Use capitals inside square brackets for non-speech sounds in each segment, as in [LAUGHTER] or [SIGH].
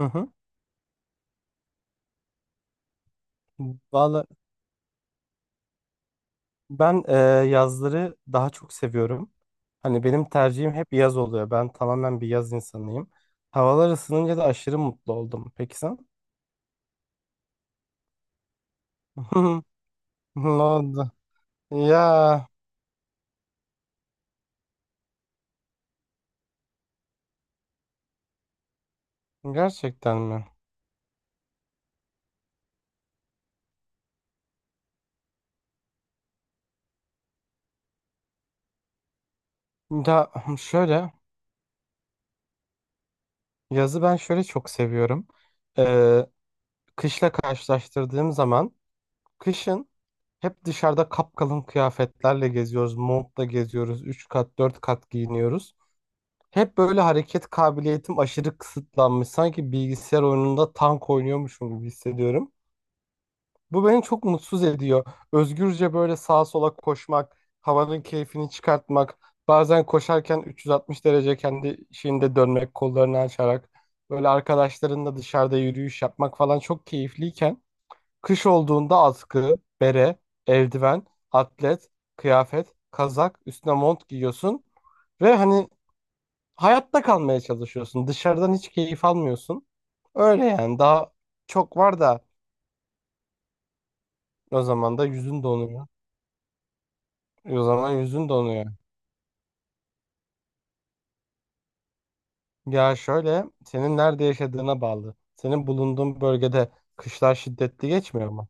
Hı hı. Valla ben yazları daha çok seviyorum. Hani benim tercihim hep yaz oluyor. Ben tamamen bir yaz insanıyım. Havalar ısınınca da aşırı mutlu oldum. Peki sen? [LAUGHS] Ne oldu? Ya, gerçekten mi? Ya şöyle, yazı ben şöyle çok seviyorum. Ee, Kışla karşılaştırdığım zaman kışın hep dışarıda kapkalın kıyafetlerle geziyoruz. Montla geziyoruz. Üç kat 4 kat giyiniyoruz. Hep böyle hareket kabiliyetim aşırı kısıtlanmış. Sanki bilgisayar oyununda tank oynuyormuşum gibi hissediyorum. Bu beni çok mutsuz ediyor. Özgürce böyle sağa sola koşmak, havanın keyfini çıkartmak, bazen koşarken 360 derece kendi şeyinde dönmek, kollarını açarak, böyle arkadaşlarınla dışarıda yürüyüş yapmak falan çok keyifliyken, kış olduğunda atkı, bere, eldiven, atlet, kıyafet, kazak, üstüne mont giyiyorsun ve hani hayatta kalmaya çalışıyorsun. Dışarıdan hiç keyif almıyorsun. Öyle yani daha çok var da o zaman da yüzün donuyor. O zaman yüzün donuyor. Ya şöyle, senin nerede yaşadığına bağlı. Senin bulunduğun bölgede kışlar şiddetli geçmiyor mu?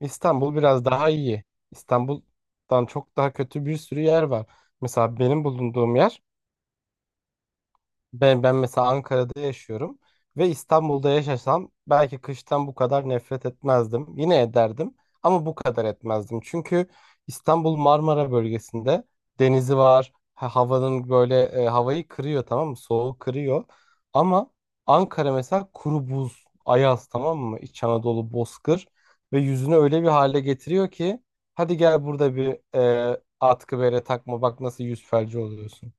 İstanbul biraz daha iyi. İstanbul'dan çok daha kötü bir sürü yer var. Mesela benim bulunduğum yer. Ben mesela Ankara'da yaşıyorum ve İstanbul'da yaşasam belki kıştan bu kadar nefret etmezdim. Yine ederdim ama bu kadar etmezdim. Çünkü İstanbul Marmara bölgesinde, denizi var. Havayı kırıyor, tamam mı? Soğuğu kırıyor. Ama Ankara mesela kuru buz, ayaz, tamam mı? İç Anadolu bozkır ve yüzünü öyle bir hale getiriyor ki hadi gel burada bir atkı bere takma, bak nasıl yüz felci oluyorsun.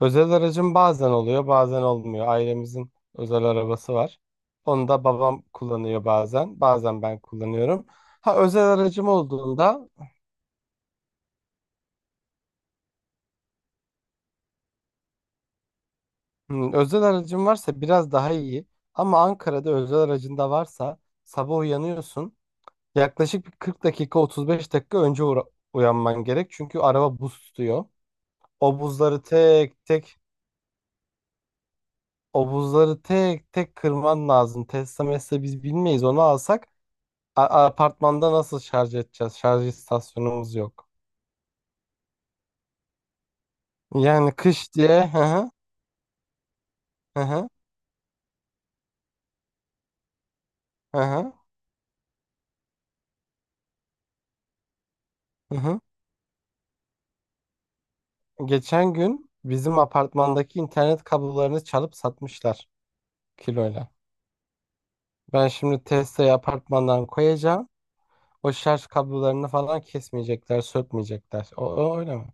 Özel aracım bazen oluyor, bazen olmuyor. Ailemizin özel arabası var. Onu da babam kullanıyor bazen, bazen ben kullanıyorum. Ha, özel aracım olduğunda, özel aracım varsa biraz daha iyi. Ama Ankara'da özel aracın da varsa sabah uyanıyorsun. Yaklaşık bir 40 dakika, 35 dakika önce uyanman gerek. Çünkü araba buz tutuyor. O buzları tek tek, o buzları tek tek kırman lazım. Tesla mesle biz bilmeyiz, onu alsak apartmanda nasıl şarj edeceğiz? Şarj istasyonumuz yok. Yani kış diye. Hı hı, hı hı, hı hı. Hı hı. Geçen gün bizim apartmandaki internet kablolarını çalıp satmışlar kiloyla. Ben şimdi testeyi apartmandan koyacağım. O şarj kablolarını falan kesmeyecekler, sökmeyecekler. O öyle mi?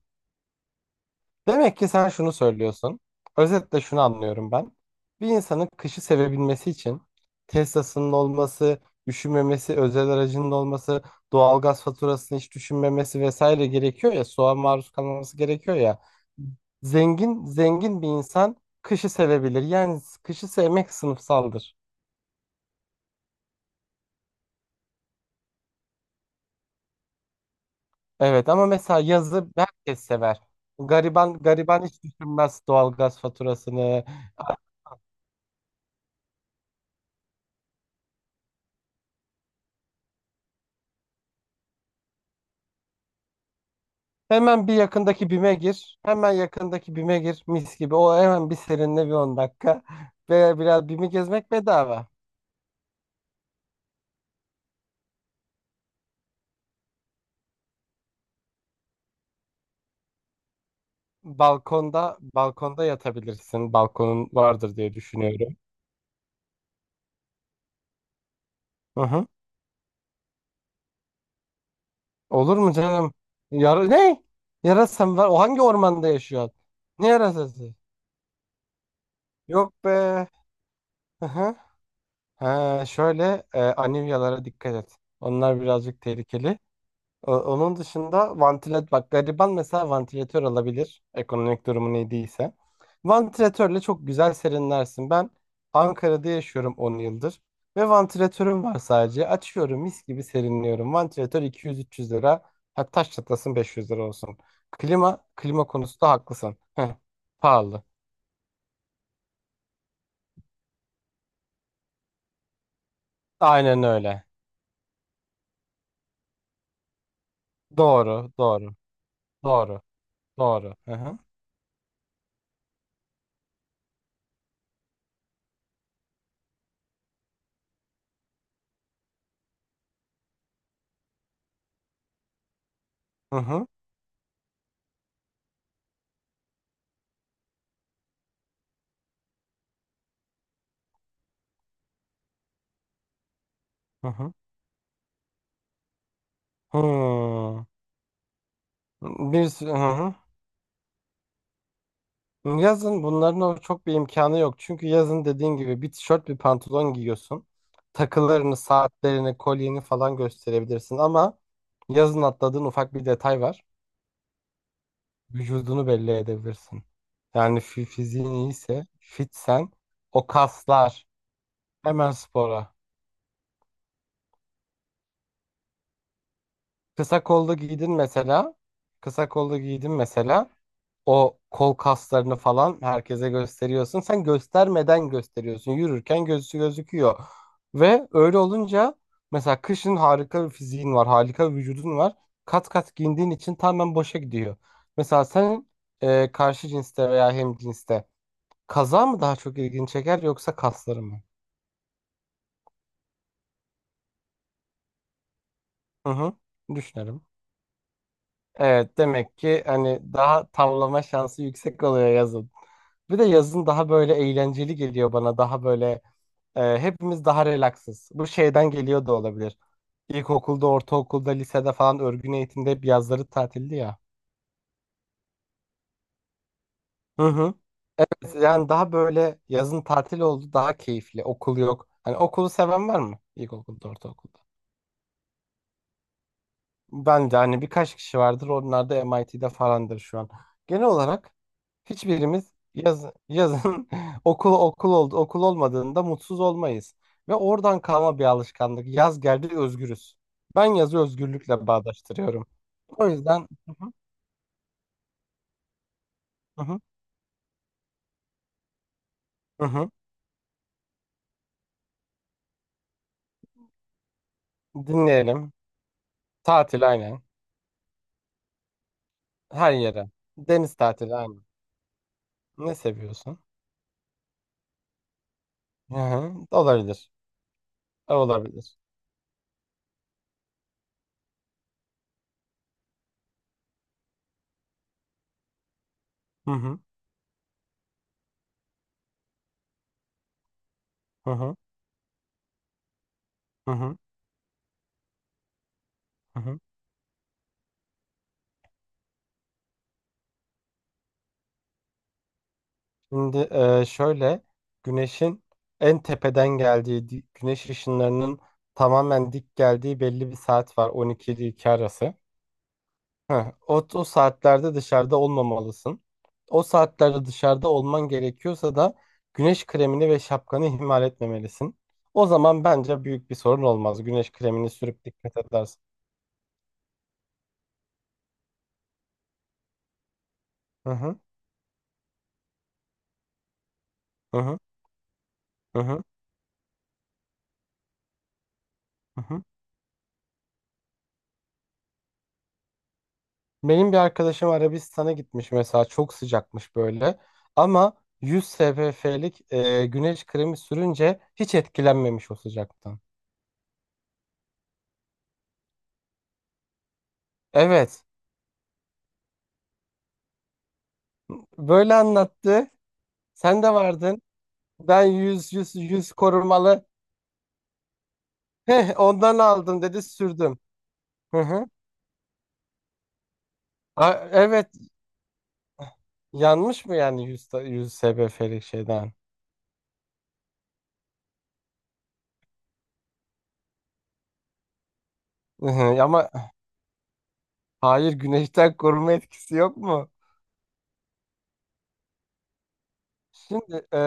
Demek ki sen şunu söylüyorsun. Özetle şunu anlıyorum ben. Bir insanın kışı sevebilmesi için Tesla'sının olması, üşümemesi, özel aracının olması, doğalgaz faturasını hiç düşünmemesi vesaire gerekiyor ya, soğuğa maruz kalmaması gerekiyor ya. Zengin zengin bir insan kışı sevebilir. Yani kışı sevmek sınıfsaldır. Evet, ama mesela yazı herkes sever. Gariban gariban hiç düşünmez doğalgaz faturasını. Hemen bir yakındaki BİM'e gir. Hemen yakındaki BİM'e gir. Mis gibi. O hemen bir serinle bir 10 dakika. Ve biraz BİM'i gezmek bedava. Balkonda yatabilirsin. Balkonun vardır diye düşünüyorum. Hı hı. Olur mu canım? Yara ne? Yarasa var? O hangi ormanda yaşıyor? Ne yarasası? Yok be. Hı hı. Ha, anivyalara dikkat et. Onlar birazcık tehlikeli. Onun dışında vantilatör, bak, gariban mesela vantilatör alabilir, ekonomik durumu ne değilse. Vantilatörle çok güzel serinlersin. Ben Ankara'da yaşıyorum 10 yıldır ve vantilatörüm var sadece. Açıyorum, mis gibi serinliyorum. Vantilatör 200-300 lira. Hatta taş çatlasın 500 lira olsun. Klima konusunda haklısın. Heh, pahalı. Aynen öyle. Doğru, doğru, doğru, doğru. Hı hı, hı hı, hı hı. Hmm. Bir sürü, hı hı. Yazın bunların o çok bir imkanı yok. Çünkü yazın dediğin gibi bir tişört bir pantolon giyiyorsun. Takılarını, saatlerini, kolyeni falan gösterebilirsin ama yazın atladığın ufak bir detay var. Vücudunu belli edebilirsin. Yani fiziğin iyiyse, fitsen o kaslar hemen spora. Kısa kollu giydin mesela. Kısa kollu giydin mesela. O kol kaslarını falan herkese gösteriyorsun. Sen göstermeden gösteriyorsun. Yürürken gözü gözüküyor. Ve öyle olunca mesela kışın harika bir fiziğin var, harika bir vücudun var. Kat kat giyindiğin için tamamen boşa gidiyor. Mesela sen karşı cinste veya hemcinste kaza mı daha çok ilgini çeker yoksa kasları mı? Hı hı. Düşünelim. Evet, demek ki hani daha tavlama şansı yüksek oluyor yazın. Bir de yazın daha böyle eğlenceli geliyor bana. Daha böyle Hepimiz daha relaksız. Bu şeyden geliyor da olabilir. İlkokulda, ortaokulda, lisede falan örgün eğitimde hep yazları tatildi ya. Hı hı. Yani daha böyle yazın tatil oldu, daha keyifli. Okul yok. Hani okulu seven var mı? İlkokulda, ortaokulda. Ben de hani birkaç kişi vardır. Onlar da MIT'de falandır şu an. Genel olarak hiçbirimiz yazın [LAUGHS] okul olmadığında mutsuz olmayız. Ve oradan kalma bir alışkanlık. Yaz geldi, özgürüz. Ben yazı özgürlükle bağdaştırıyorum. O yüzden. Hı, hı hı, hı hı. Dinleyelim. Tatil aynen. Her yere. Deniz tatili aynen. Ne seviyorsun? Hı hı. Olabilir. Olabilir. Hı hı. Hı hı. Hı hı. Hı hı. Şimdi şöyle, güneşin en tepeden geldiği güneş ışınlarının tamamen dik geldiği belli bir saat var, 12 ile 2 arası. Heh, o saatlerde dışarıda olmamalısın. O saatlerde dışarıda olman gerekiyorsa da güneş kremini ve şapkanı ihmal etmemelisin. O zaman bence büyük bir sorun olmaz. Güneş kremini sürüp dikkat edersin. Hı hı, hı hı, hı hı, hı hı. Benim bir arkadaşım Arabistan'a gitmiş mesela, çok sıcakmış böyle ama 100 SPF'lik güneş kremi sürünce hiç etkilenmemiş o sıcaktan. Evet, böyle anlattı, sen de vardın. Ben 100 100 100 korumalı, heh, ondan aldım dedi, sürdüm. Hı hı. Evet, yanmış mı yani 100, 100 SPF'lik şeyden? Hı hı. Ama hayır, güneşten koruma etkisi yok mu? Şimdi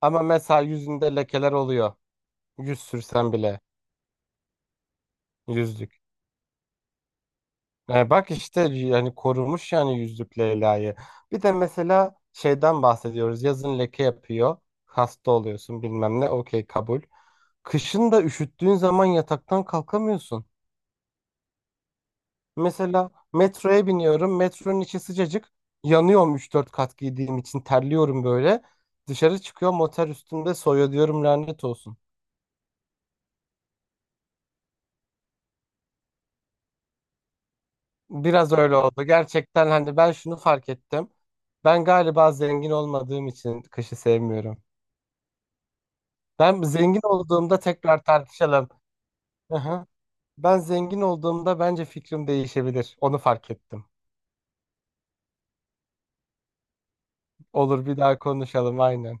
ama mesela yüzünde lekeler oluyor. Yüz sürsen bile yüzlük. Bak işte yani korumuş yani yüzlük Leyla'yı. Bir de mesela şeyden bahsediyoruz. Yazın leke yapıyor. Hasta oluyorsun bilmem ne. Okey kabul. Kışın da üşüttüğün zaman yataktan kalkamıyorsun. Mesela metroya biniyorum. Metronun içi sıcacık. Yanıyorum üç dört kat giydiğim için, terliyorum böyle. Dışarı çıkıyorum, otel üstünde soyuyor diyorum, lanet olsun. Biraz öyle oldu. Gerçekten hani ben şunu fark ettim. Ben galiba zengin olmadığım için kışı sevmiyorum. Ben zengin olduğumda tekrar tartışalım. Aha. Ben zengin olduğumda bence fikrim değişebilir. Onu fark ettim. Olur, bir daha konuşalım aynen.